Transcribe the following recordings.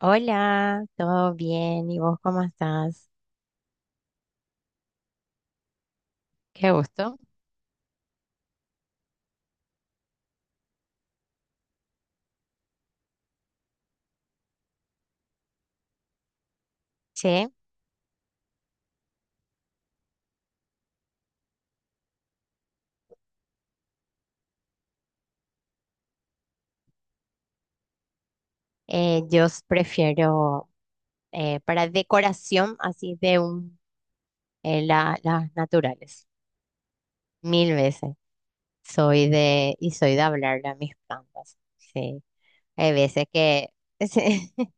Hola, ¿todo bien? ¿Y vos cómo estás? Qué gusto. Che, Yo prefiero para decoración así de un las naturales, mil veces. Soy de hablarle a mis plantas. Sí, hay veces que sí,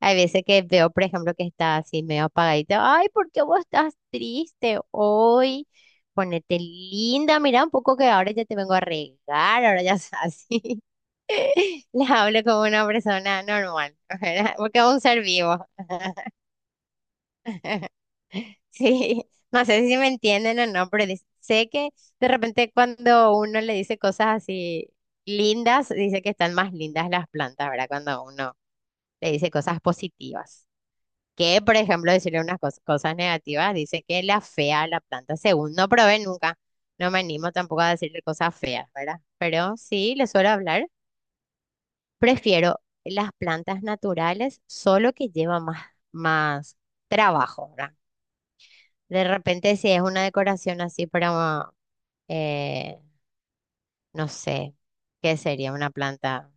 hay veces que veo, por ejemplo, que está así medio apagadita. Ay, ¿por qué vos estás triste hoy? Ponete linda, mira un poco que ahora ya te vengo a regar, ahora ya así. les hablo como una persona normal, ¿verdad? Porque es un ser vivo. Sí, no sé si me entienden o no, pero sé que de repente cuando uno le dice cosas así lindas, dice que están más lindas las plantas, ¿verdad? Cuando uno le dice cosas positivas. Que, por ejemplo, decirle unas cosas negativas, dice que la fea a la planta, según no probé nunca. No me animo tampoco a decirle cosas feas, ¿verdad? Pero sí, le suelo hablar. Prefiero las plantas naturales, solo que lleva más trabajo, ¿verdad? De repente, si es una decoración así para, eh, no sé, ¿qué sería una planta?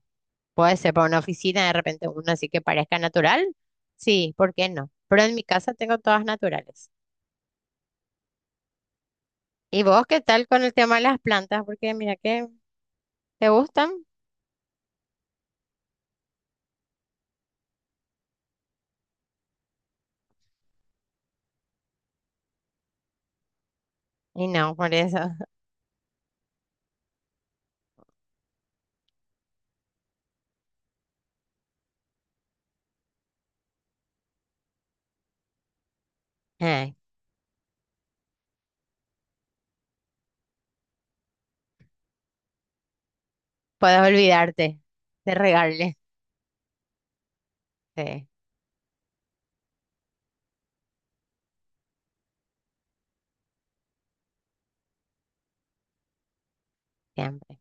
Puede ser para una oficina, de repente una así que parezca natural. Sí, ¿por qué no? Pero en mi casa tengo todas naturales. ¿Y vos qué tal con el tema de las plantas? Porque mira que te gustan y no, por eso. eh, Puedes olvidarte de regarle. Sí, siempre.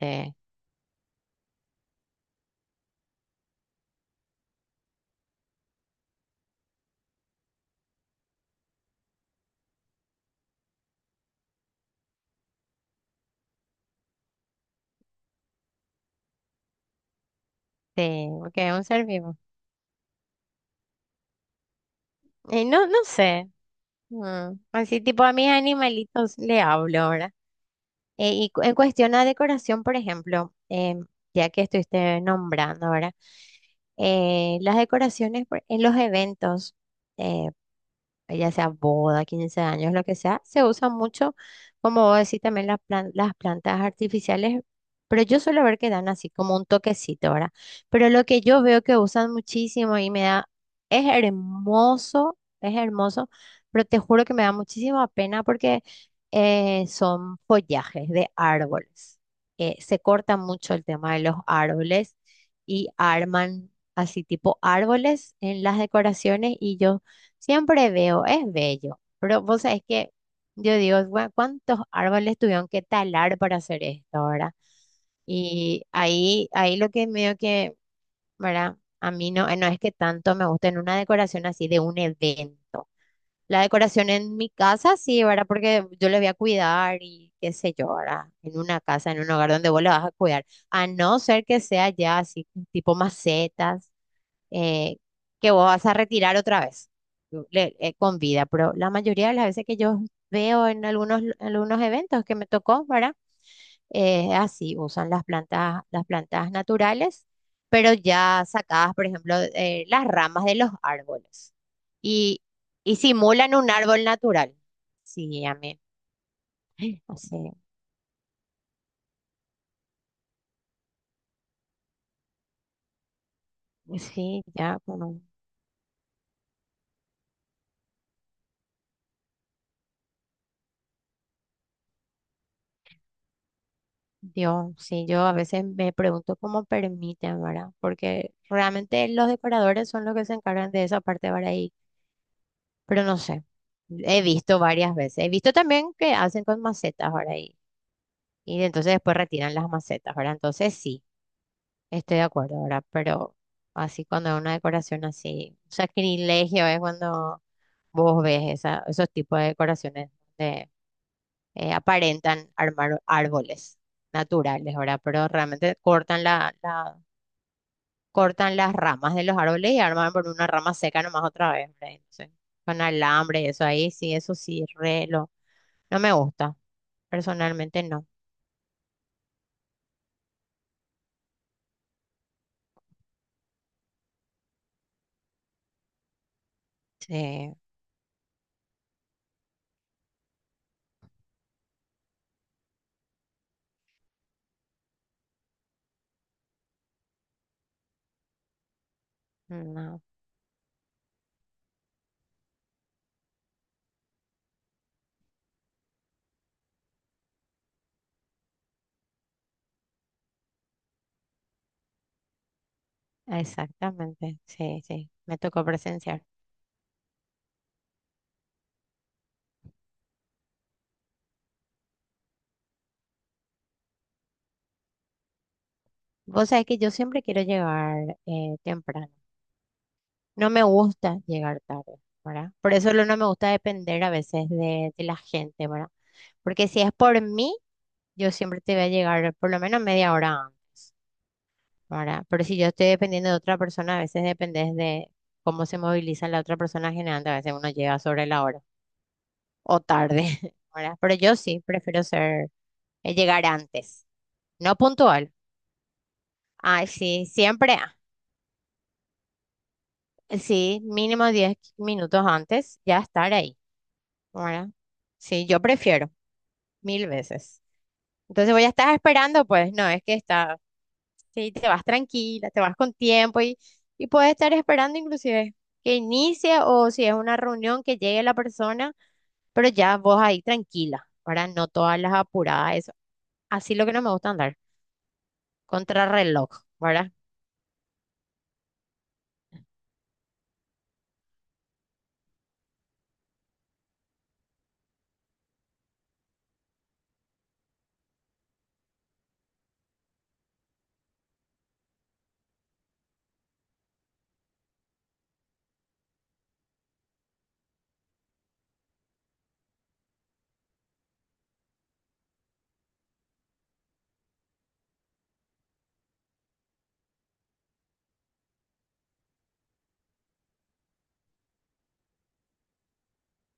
Sí. Sí, porque es un ser vivo. Y no, no sé. Así tipo a mis animalitos le hablo ahora. Y en cuestión a decoración, por ejemplo, ya que estuviste nombrando ahora, las decoraciones en los eventos. eh, ya sea boda, 15 años, lo que sea, se usa mucho, como vos decís, también las las plantas artificiales, pero yo suelo ver que dan así como un toquecito, ¿verdad? Pero lo que yo veo que usan muchísimo y me da, es hermoso, pero te juro que me da muchísima pena porque son follajes de árboles. Se corta mucho el tema de los árboles y arman así tipo árboles en las decoraciones, y yo siempre veo, es bello, pero vos sabés que yo digo, ¿cuántos árboles tuvieron que talar para hacer esto?", ¿verdad? Y ahí lo que medio que, ¿verdad? A mí no, no es que tanto me guste en una decoración así de un evento. La decoración en mi casa, sí, ¿verdad? Porque yo le voy a cuidar y qué sé yo, ¿verdad? En una casa, en un hogar donde vos le vas a cuidar. A no ser que sea ya así, tipo macetas eh, que vos vas a retirar otra vez con vida. Pero la mayoría de las veces que yo veo en algunos eventos que me tocó, ¿verdad? Así usan las plantas naturales, pero ya sacadas, por ejemplo, las ramas de los árboles y, y simulan un árbol natural. Sí, a mí, no sé, sí, ya, bueno, Dios, sí, yo a veces me pregunto cómo permiten, ¿verdad? Porque realmente los decoradores son los que se encargan de esa parte, ¿verdad? Pero no sé, he visto varias veces. He visto también que hacen con macetas, ¿verdad? Y entonces después retiran las macetas, ¿verdad? Entonces sí, estoy de acuerdo, ¿verdad? Pero así cuando es una decoración así, un sacrilegio es cuando vos ves esa, esos tipos de decoraciones donde aparentan armar árboles naturales, ¿verdad? Pero realmente cortan la cortan las ramas de los árboles y arman por una rama seca nomás otra vez, ¿verdad? Entonces, con alambre y eso ahí, sí, eso sí, re lo, no me gusta, personalmente no. Sí, no, exactamente, sí, sí, me tocó presenciar. Vos sabés que yo siempre quiero llegar temprano, no me gusta llegar tarde, ¿verdad? Por eso no me gusta depender a veces de la gente, ¿verdad? Porque si es por mí, yo siempre te voy a llegar por lo menos media hora antes, ¿verdad? Pero si yo estoy dependiendo de otra persona, a veces dependes de cómo se moviliza la otra persona, generando a veces uno llega sobre la hora o tarde, ¿verdad? Pero yo sí prefiero ser, llegar antes, no puntual. Ay, sí, siempre, sí, mínimo 10 minutos antes ya estar ahí, ¿verdad? Sí, yo prefiero mil veces. Entonces voy a estar esperando, pues no es que está, sí, te vas tranquila, te vas con tiempo, y, puedes estar esperando inclusive que inicie, o si es una reunión, que llegue la persona, pero ya vos ahí tranquila, ¿verdad? No todas las apuradas, eso. Así lo que no me gusta, andar contrarreloj, ¿verdad?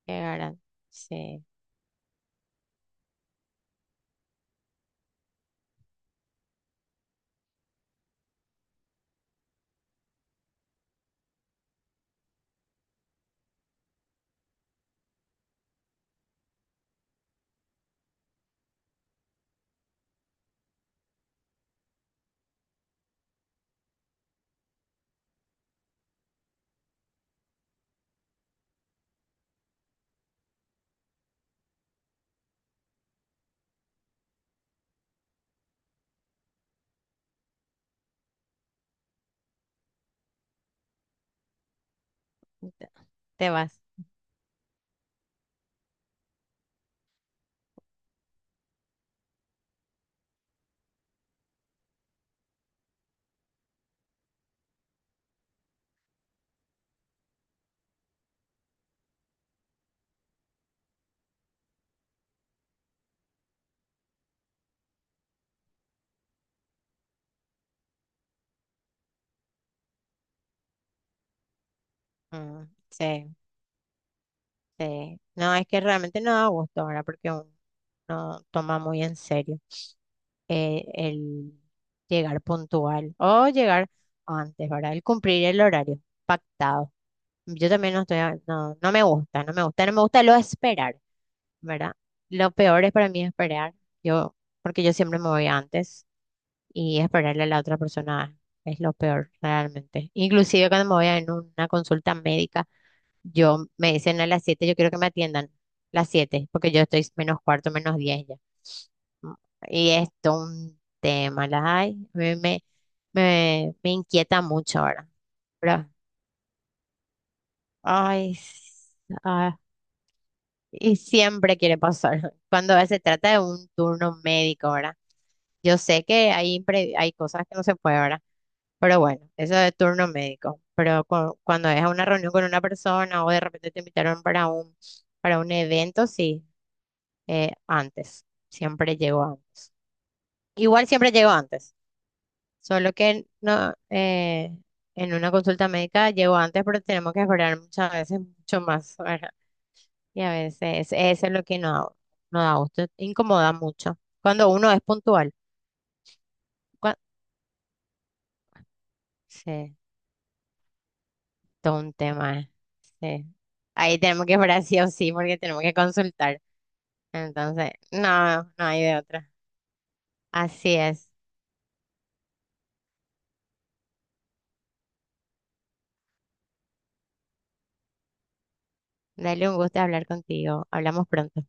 Que, ¿verdad? Sí, te te vas. Mm, sí, sí. No, es que realmente no da gusto, ¿verdad? Porque uno no toma muy en serio el llegar puntual, o llegar antes, ¿verdad? El cumplir el horario pactado. Yo también no estoy, no, no me gusta, no me gusta, no me gusta lo de esperar, ¿verdad? Lo peor es para mí esperar, yo, porque yo siempre me voy antes, y esperarle a la otra persona es lo peor realmente. Inclusive cuando me voy a en una consulta médica, yo me dicen a las 7, yo quiero que me atiendan las 7, porque yo estoy menos cuarto, menos 10, ¿no? Y esto un tema, ay, me inquieta mucho ahora. Pero, ay, ah, y siempre quiere pasar. Cuando se trata de un turno médico, ¿verdad? Yo sé que hay cosas que no se puede, ¿verdad? Pero bueno, eso de turno médico. Pero cuando es a una reunión con una persona, o de repente te invitaron para un, evento, sí, antes. Siempre llego antes. Igual siempre llego antes. Solo que no, en una consulta médica llego antes, pero tenemos que esperar muchas veces mucho más, ¿verdad? Y a veces eso es lo que no da gusto, incomoda mucho. Cuando uno es puntual. Cua- sí, todo un tema. Sí. Ahí tenemos que esperar sí o sí porque tenemos que consultar. Entonces, no, no hay de otra. Así es. Dale, un gusto hablar contigo. Hablamos pronto.